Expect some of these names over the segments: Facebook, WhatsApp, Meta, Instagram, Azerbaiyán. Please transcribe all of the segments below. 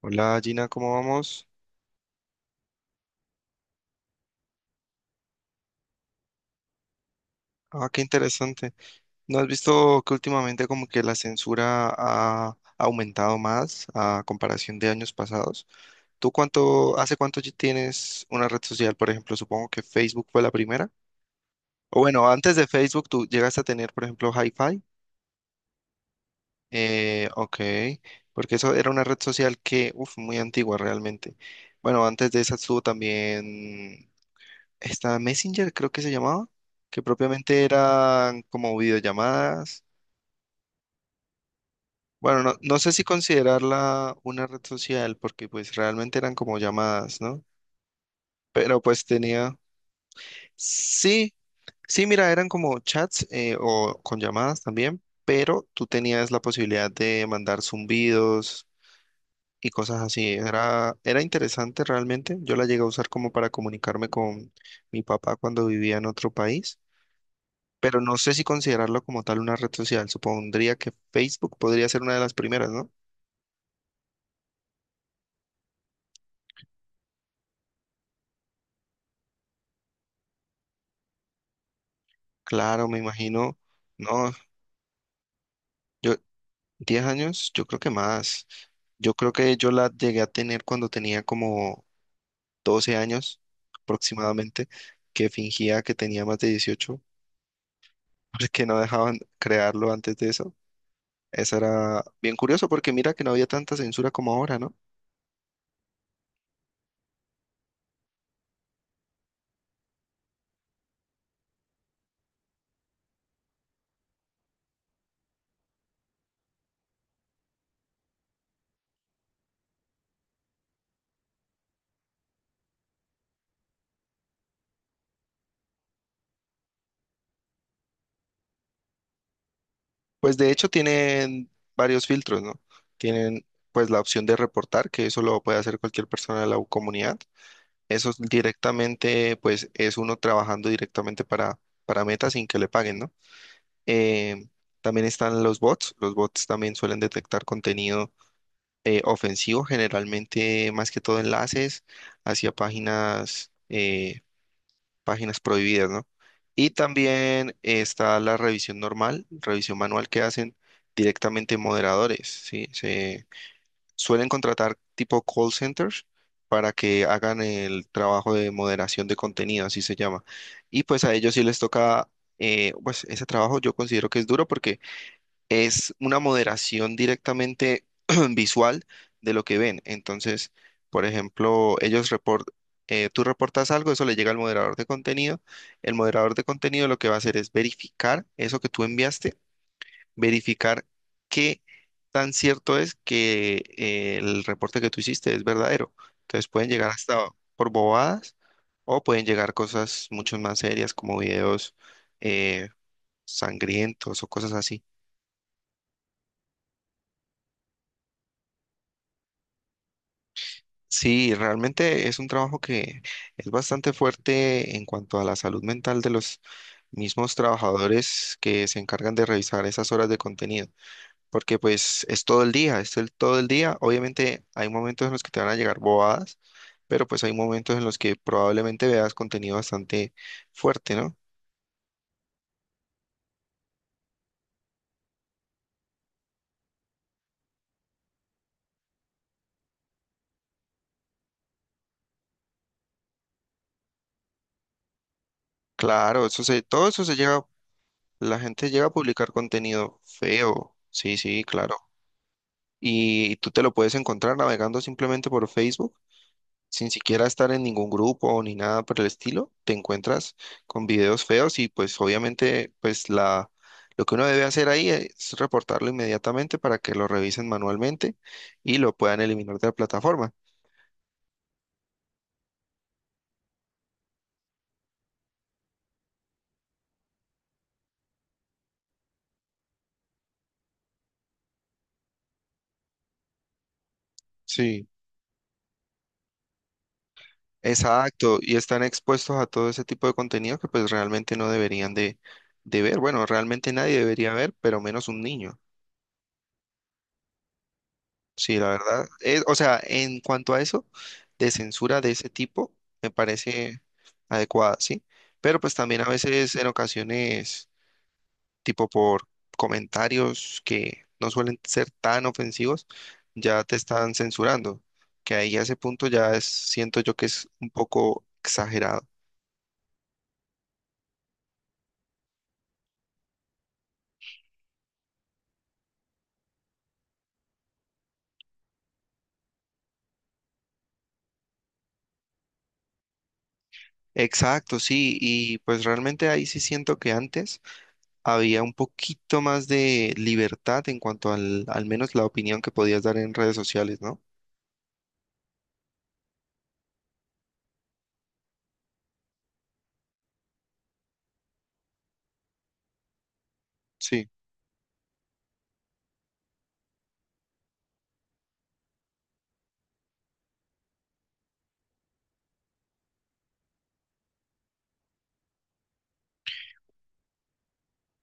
Hola Gina, ¿cómo vamos? Ah, qué interesante. ¿No has visto que últimamente como que la censura ha aumentado más a comparación de años pasados? ¿Tú cuánto, hace cuánto ya tienes una red social? Por ejemplo, supongo que Facebook fue la primera. O bueno, antes de Facebook tú llegaste a tener, por ejemplo, Hi-Fi. Ok, porque eso era una red social que, uff, muy antigua realmente. Bueno, antes de esa estuvo también está Messenger, creo que se llamaba, que propiamente eran como videollamadas. Bueno, no, no sé si considerarla una red social porque pues realmente eran como llamadas, ¿no? Pero pues tenía... Sí, sí, mira, eran como chats o con llamadas también, pero tú tenías la posibilidad de mandar zumbidos y cosas así. Era interesante realmente. Yo la llegué a usar como para comunicarme con mi papá cuando vivía en otro país, pero no sé si considerarlo como tal una red social. Supondría que Facebook podría ser una de las primeras, ¿no? Claro, me imagino, no, yo, 10 años, yo creo que más. Yo creo que yo la llegué a tener cuando tenía como 12 años aproximadamente, que fingía que tenía más de 18, porque no dejaban crearlo antes de eso. Eso era bien curioso porque mira que no había tanta censura como ahora, ¿no? Pues de hecho tienen varios filtros, ¿no? Tienen pues la opción de reportar, que eso lo puede hacer cualquier persona de la comunidad. Eso es directamente, pues es uno trabajando directamente para Meta sin que le paguen, ¿no? Eh, También están los bots. Los bots también suelen detectar contenido ofensivo, generalmente más que todo enlaces hacia páginas. Páginas prohibidas, ¿no? Y también está la revisión normal, revisión manual que hacen directamente moderadores, ¿sí? Se suelen contratar tipo call centers para que hagan el trabajo de moderación de contenido, así se llama. Y pues a ellos sí les toca, pues ese trabajo yo considero que es duro porque es una moderación directamente visual de lo que ven. Entonces, por ejemplo, tú reportas algo, eso le llega al moderador de contenido. El moderador de contenido lo que va a hacer es verificar eso que tú enviaste, verificar qué tan cierto es que el reporte que tú hiciste es verdadero. Entonces pueden llegar hasta por bobadas o pueden llegar cosas mucho más serias como videos eh, sangrientos o cosas así. Sí, realmente es un trabajo que es bastante fuerte en cuanto a la salud mental de los mismos trabajadores que se encargan de revisar esas horas de contenido, porque pues es todo el día, todo el día. Obviamente hay momentos en los que te van a llegar bobadas, pero pues hay momentos en los que probablemente veas contenido bastante fuerte, ¿no? Claro, todo eso se llega, la gente llega a publicar contenido feo, sí, sí, claro. Y tú te lo puedes encontrar navegando simplemente por Facebook sin siquiera estar en ningún grupo ni nada por el estilo, te encuentras con videos feos y pues obviamente pues la lo que uno debe hacer ahí es reportarlo inmediatamente para que lo revisen manualmente y lo puedan eliminar de la plataforma. Sí. Exacto, y están expuestos a todo ese tipo de contenido que pues realmente no deberían de ver. Bueno, realmente nadie debería ver, pero menos un niño. Sí, la verdad. O sea, en cuanto a eso, de censura de ese tipo, me parece adecuada, ¿sí? Pero pues también a veces, en ocasiones, tipo por comentarios que no suelen ser tan ofensivos, ya te están censurando. Que ahí a ese punto ya es, siento yo que es un poco exagerado. Exacto, sí, y pues realmente ahí sí siento que antes había un poquito más de libertad en cuanto al, al menos la opinión que podías dar en redes sociales, ¿no? Sí.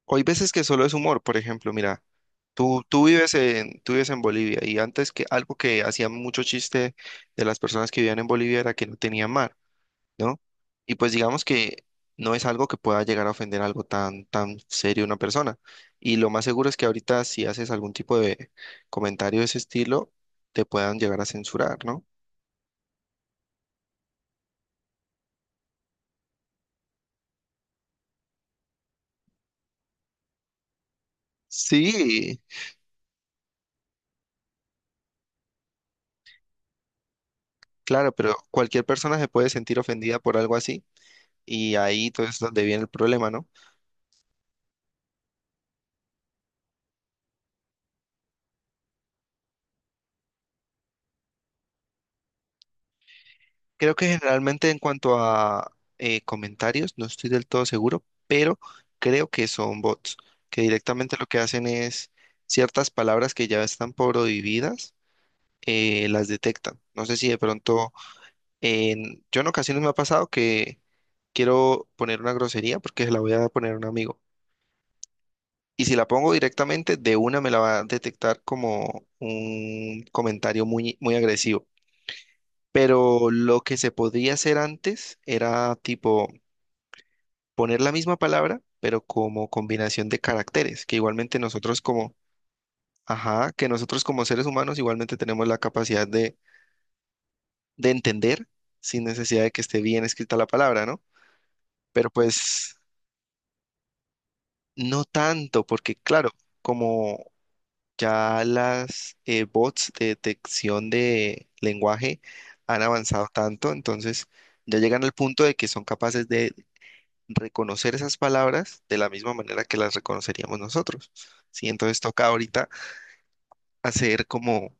O hay veces que solo es humor, por ejemplo, mira, tú vives en Bolivia y antes que algo que hacía mucho chiste de las personas que vivían en Bolivia era que no tenía mar, ¿no? Y pues digamos que no es algo que pueda llegar a ofender algo tan, tan serio a una persona. Y lo más seguro es que ahorita si haces algún tipo de comentario de ese estilo, te puedan llegar a censurar, ¿no? Sí, claro, pero cualquier persona se puede sentir ofendida por algo así y ahí entonces es donde viene el problema, ¿no? Creo que generalmente en cuanto a comentarios, no estoy del todo seguro, pero creo que son bots, que directamente lo que hacen es ciertas palabras que ya están prohibidas, las detectan. No sé si de pronto, yo en ocasiones me ha pasado que quiero poner una grosería porque se la voy a poner a un amigo. Y si la pongo directamente, de una me la va a detectar como un comentario muy agresivo. Pero lo que se podría hacer antes era tipo poner la misma palabra, pero como combinación de caracteres, que igualmente nosotros como, ajá, que nosotros como seres humanos igualmente tenemos la capacidad de entender sin necesidad de que esté bien escrita la palabra, ¿no? Pero pues no tanto, porque claro, como ya las bots de detección de lenguaje han avanzado tanto, entonces ya llegan al punto de que son capaces de reconocer esas palabras de la misma manera que las reconoceríamos nosotros, ¿sí? Entonces toca ahorita hacer como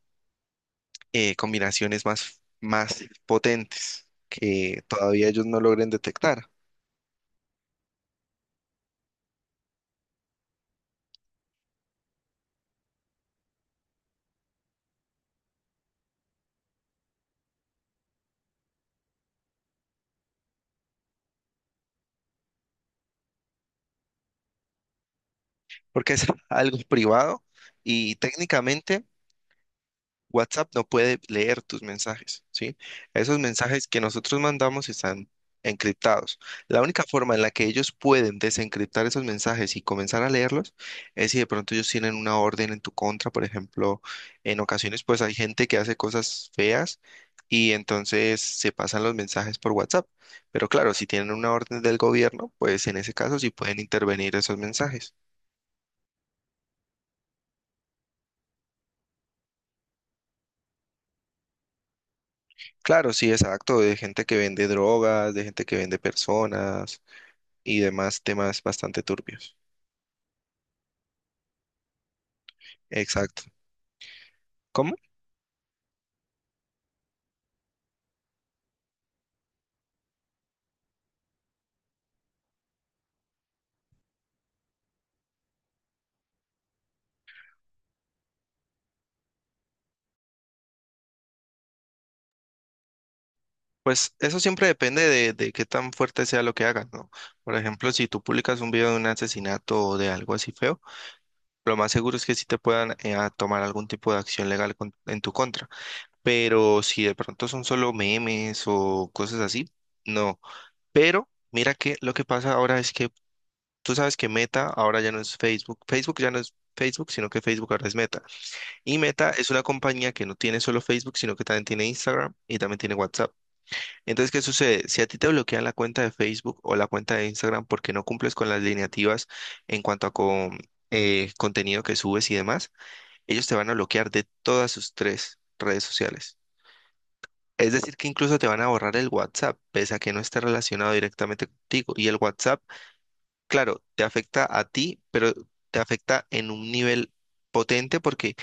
combinaciones más potentes que todavía ellos no logren detectar, porque es algo privado y técnicamente WhatsApp no puede leer tus mensajes, ¿sí? Esos mensajes que nosotros mandamos están encriptados. La única forma en la que ellos pueden desencriptar esos mensajes y comenzar a leerlos es si de pronto ellos tienen una orden en tu contra, por ejemplo, en ocasiones pues hay gente que hace cosas feas y entonces se pasan los mensajes por WhatsApp. Pero claro, si tienen una orden del gobierno, pues en ese caso sí pueden intervenir esos mensajes. Claro, sí, exacto, de gente que vende drogas, de gente que vende personas y demás temas bastante turbios. Exacto. ¿Cómo? Pues eso siempre depende de qué tan fuerte sea lo que hagas, ¿no? Por ejemplo, si tú publicas un video de un asesinato o de algo así feo, lo más seguro es que sí te puedan a tomar algún tipo de acción legal en tu contra. Pero si de pronto son solo memes o cosas así, no. Pero mira que lo que pasa ahora es que tú sabes que Meta ahora ya no es Facebook. Facebook ya no es Facebook, sino que Facebook ahora es Meta. Y Meta es una compañía que no tiene solo Facebook, sino que también tiene Instagram y también tiene WhatsApp. Entonces, ¿qué sucede? Si a ti te bloquean la cuenta de Facebook o la cuenta de Instagram porque no cumples con las lineativas en cuanto a contenido que subes y demás, ellos te van a bloquear de todas sus tres redes sociales. Es decir, que incluso te van a borrar el WhatsApp, pese a que no esté relacionado directamente contigo. Y el WhatsApp, claro, te afecta a ti, pero te afecta en un nivel potente porque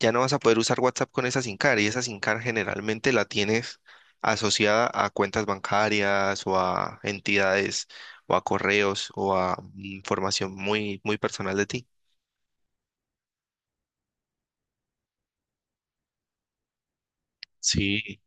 ya no vas a poder usar WhatsApp con esa SIM card y esa SIM card generalmente la tienes asociada a cuentas bancarias o a entidades o a correos o a información muy personal de ti. Sí,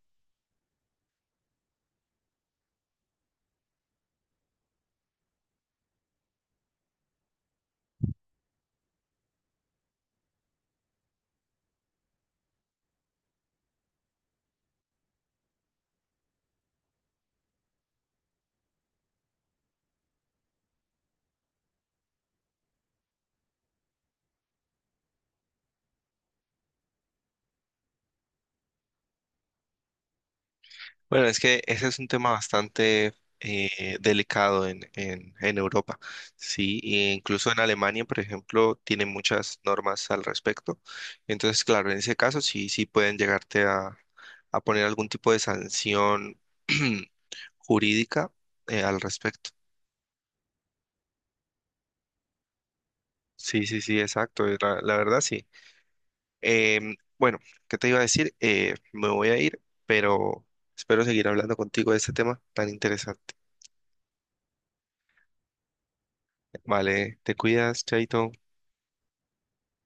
bueno, es que ese es un tema bastante delicado en Europa, ¿sí? E incluso en Alemania, por ejemplo, tienen muchas normas al respecto. Entonces, claro, en ese caso sí, sí pueden llegarte a poner algún tipo de sanción jurídica al respecto. Sí, sí, sí, exacto, la verdad sí. Bueno, ¿qué te iba a decir? Me voy a ir, pero espero seguir hablando contigo de este tema tan interesante. Vale, te cuidas, Chaito.